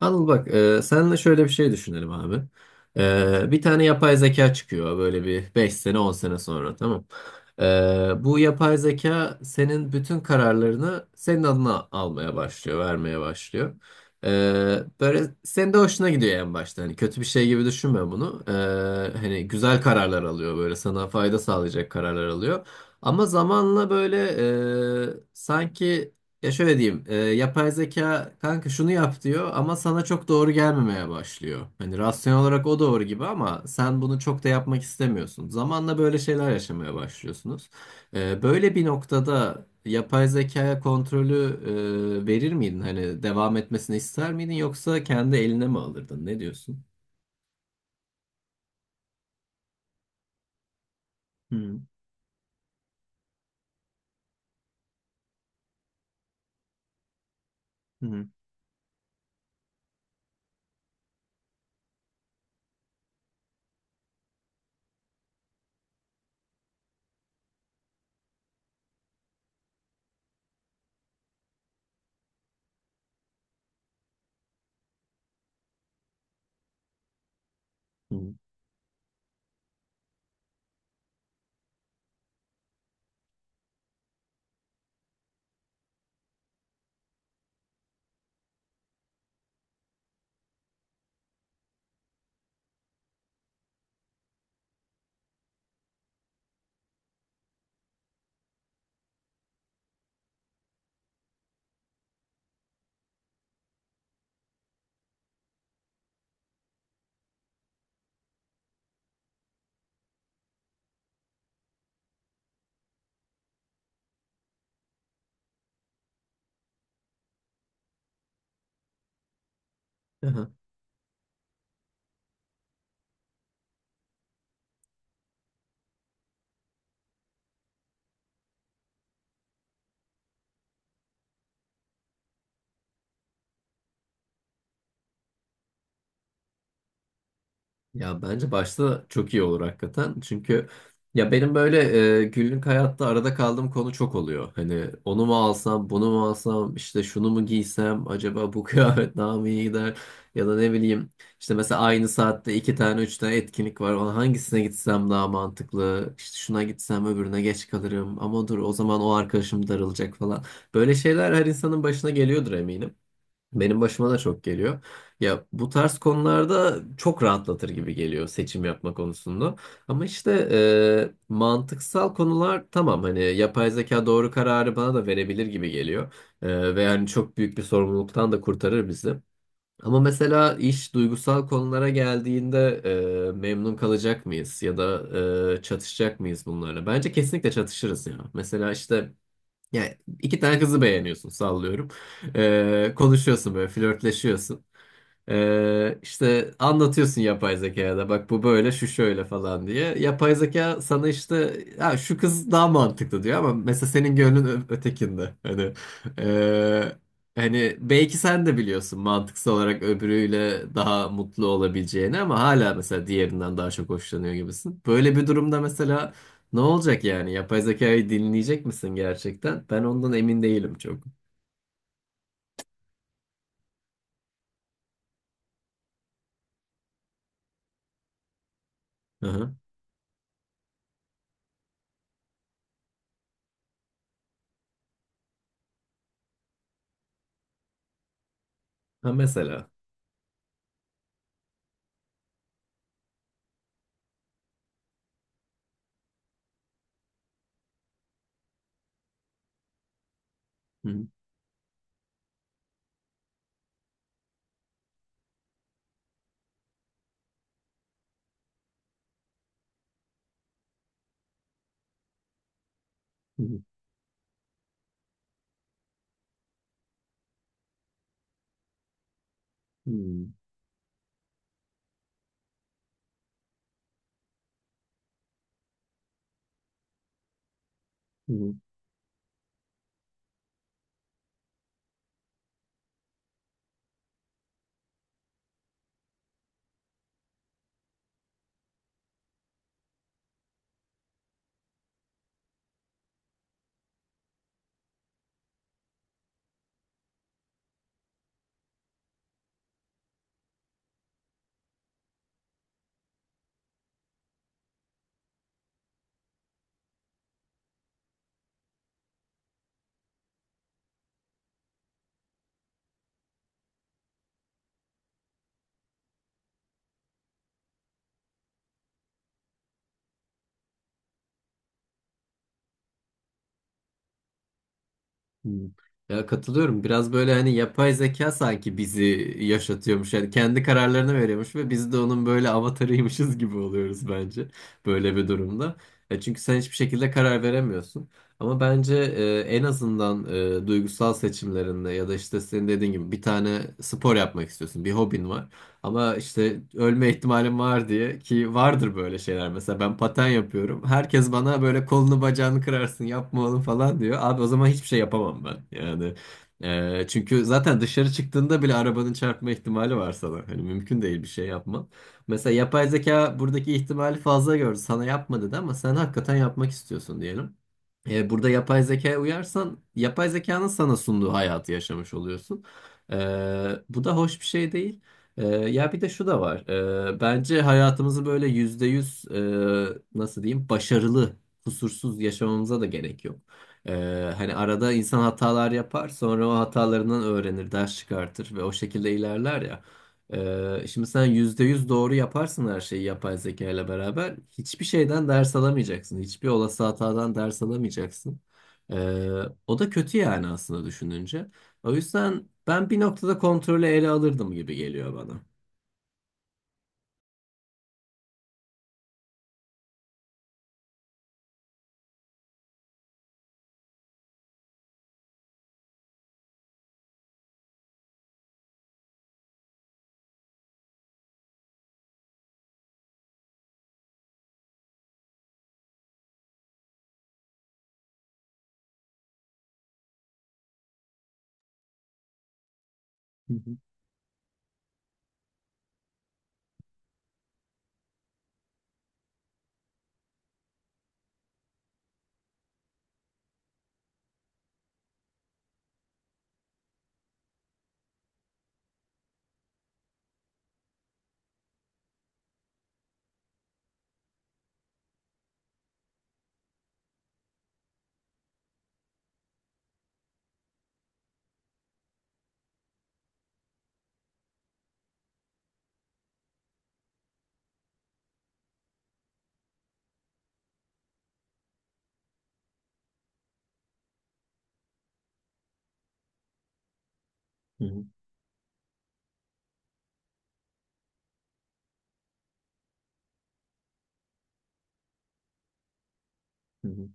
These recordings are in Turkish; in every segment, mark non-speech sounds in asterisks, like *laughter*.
Anıl bak senle şöyle bir şey düşünelim abi. Bir tane yapay zeka çıkıyor böyle bir 5 sene 10 sene sonra, tamam. Bu yapay zeka senin bütün kararlarını senin adına almaya başlıyor, vermeye başlıyor. E, böyle senin de hoşuna gidiyor en başta. Hani kötü bir şey gibi düşünme bunu. Hani güzel kararlar alıyor, böyle sana fayda sağlayacak kararlar alıyor. Ama zamanla böyle sanki, ya şöyle diyeyim, yapay zeka kanka şunu yap diyor ama sana çok doğru gelmemeye başlıyor. Hani rasyonel olarak o doğru gibi ama sen bunu çok da yapmak istemiyorsun. Zamanla böyle şeyler yaşamaya başlıyorsunuz. Böyle bir noktada yapay zekaya kontrolü verir miydin? Hani devam etmesini ister miydin yoksa kendi eline mi alırdın? Ne diyorsun? Hı hı hı. Hı. Ya bence başta çok iyi olur hakikaten. Çünkü ya benim böyle günlük hayatta arada kaldığım konu çok oluyor. Hani onu mu alsam, bunu mu alsam, işte şunu mu giysem, acaba bu *laughs* kıyafet daha mı iyi gider? Ya da ne bileyim, işte mesela aynı saatte iki tane üç tane etkinlik var. Ona hangisine gitsem daha mantıklı? İşte şuna gitsem öbürüne geç kalırım. Ama dur, o zaman o arkadaşım darılacak falan. Böyle şeyler her insanın başına geliyordur eminim. Benim başıma da çok geliyor. Ya bu tarz konularda çok rahatlatır gibi geliyor seçim yapma konusunda. Ama işte mantıksal konular tamam, hani yapay zeka doğru kararı bana da verebilir gibi geliyor. Ve yani çok büyük bir sorumluluktan da kurtarır bizi. Ama mesela iş duygusal konulara geldiğinde memnun kalacak mıyız ya da çatışacak mıyız bunlarla? Bence kesinlikle çatışırız ya. Mesela işte yani iki tane kızı beğeniyorsun, sallıyorum. Konuşuyorsun böyle, flörtleşiyorsun. İşte anlatıyorsun yapay zekaya da, bak bu böyle, şu şöyle falan diye. Yapay zeka sana işte ha, şu kız daha mantıklı diyor ama mesela senin gönlün ötekinde. Ee, hani belki sen de biliyorsun mantıksal olarak öbürüyle daha mutlu olabileceğini ama hala mesela diğerinden daha çok hoşlanıyor gibisin. Böyle bir durumda mesela ne olacak yani? Yapay zekayı dinleyecek misin gerçekten? Ben ondan emin değilim çok. Aha. Ha, mesela. Hı hı hı hı hı. Hı, hı. Ya katılıyorum. Biraz böyle hani yapay zeka sanki bizi yaşatıyormuş. Yani kendi kararlarını veriyormuş ve biz de onun böyle avatarıymışız gibi oluyoruz bence. Böyle bir durumda. Çünkü sen hiçbir şekilde karar veremiyorsun. Ama bence en azından duygusal seçimlerinde, ya da işte senin dediğin gibi bir tane spor yapmak istiyorsun. Bir hobin var. Ama işte ölme ihtimalim var diye, ki vardır böyle şeyler. Mesela ben paten yapıyorum. Herkes bana böyle kolunu bacağını kırarsın, yapma oğlum falan diyor. Abi o zaman hiçbir şey yapamam ben. Yani, çünkü zaten dışarı çıktığında bile arabanın çarpma ihtimali var sana. Hani mümkün değil bir şey yapman. Mesela yapay zeka buradaki ihtimali fazla gördü. Sana yapma dedi ama sen hakikaten yapmak istiyorsun diyelim. Burada yapay zekaya uyarsan yapay zekanın sana sunduğu hayatı yaşamış oluyorsun. E, bu da hoş bir şey değil. Ya bir de şu da var. Bence hayatımızı böyle %100, nasıl diyeyim, başarılı, kusursuz yaşamamıza da gerek yok. E, hani arada insan hatalar yapar, sonra o hatalarından öğrenir, ders çıkartır ve o şekilde ilerler ya. Şimdi sen %100 doğru yaparsın her şeyi yapay zeka ile beraber. Hiçbir şeyden ders alamayacaksın. Hiçbir olası hatadan ders alamayacaksın. Ee, o da kötü yani, aslında düşününce. O yüzden ben bir noktada kontrolü ele alırdım gibi geliyor bana. Hı hı, hı hı, hı hı.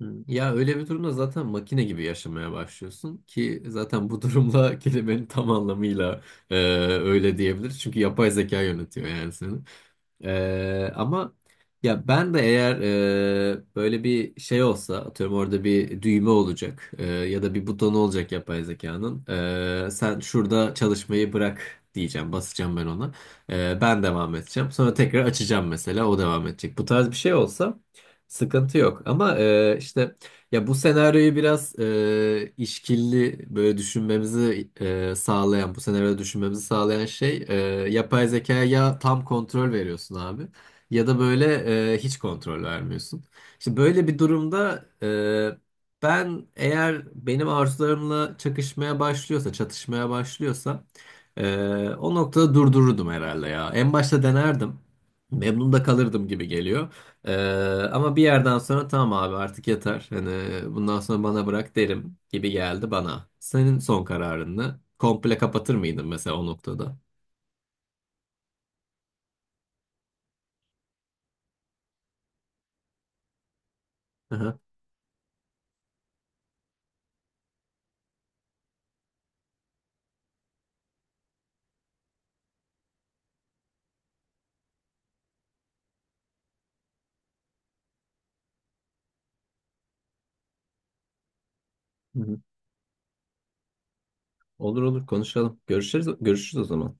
Hı. Ya öyle bir durumda zaten makine gibi yaşamaya başlıyorsun, ki zaten bu durumla *laughs* kelimenin tam anlamıyla e, öyle diyebiliriz. Çünkü yapay zeka yönetiyor yani seni. Ama ya ben de eğer böyle bir şey olsa, atıyorum orada bir düğme olacak, ya da bir butonu olacak yapay zekanın, sen şurada çalışmayı bırak diyeceğim, basacağım ben ona. Ben devam edeceğim, sonra tekrar açacağım mesela, o devam edecek, bu tarz bir şey olsa sıkıntı yok. Ama e, işte, ya bu senaryoyu biraz işkilli böyle düşünmemizi sağlayan, bu senaryoda düşünmemizi sağlayan şey, yapay zekaya ya tam kontrol veriyorsun abi, ya da böyle hiç kontrol vermiyorsun. İşte böyle bir durumda ben, eğer benim arzularımla çakışmaya başlıyorsa, çatışmaya başlıyorsa, e, o noktada durdururdum herhalde ya. En başta denerdim. Memnun da kalırdım gibi geliyor. Ee, ama bir yerden sonra tamam abi, artık yeter. Hani bundan sonra bana bırak derim gibi geldi bana. Senin son kararını. Komple kapatır mıydın mesela o noktada? Aha. Hı hı. Olur olur, konuşalım. Görüşürüz, görüşürüz o zaman.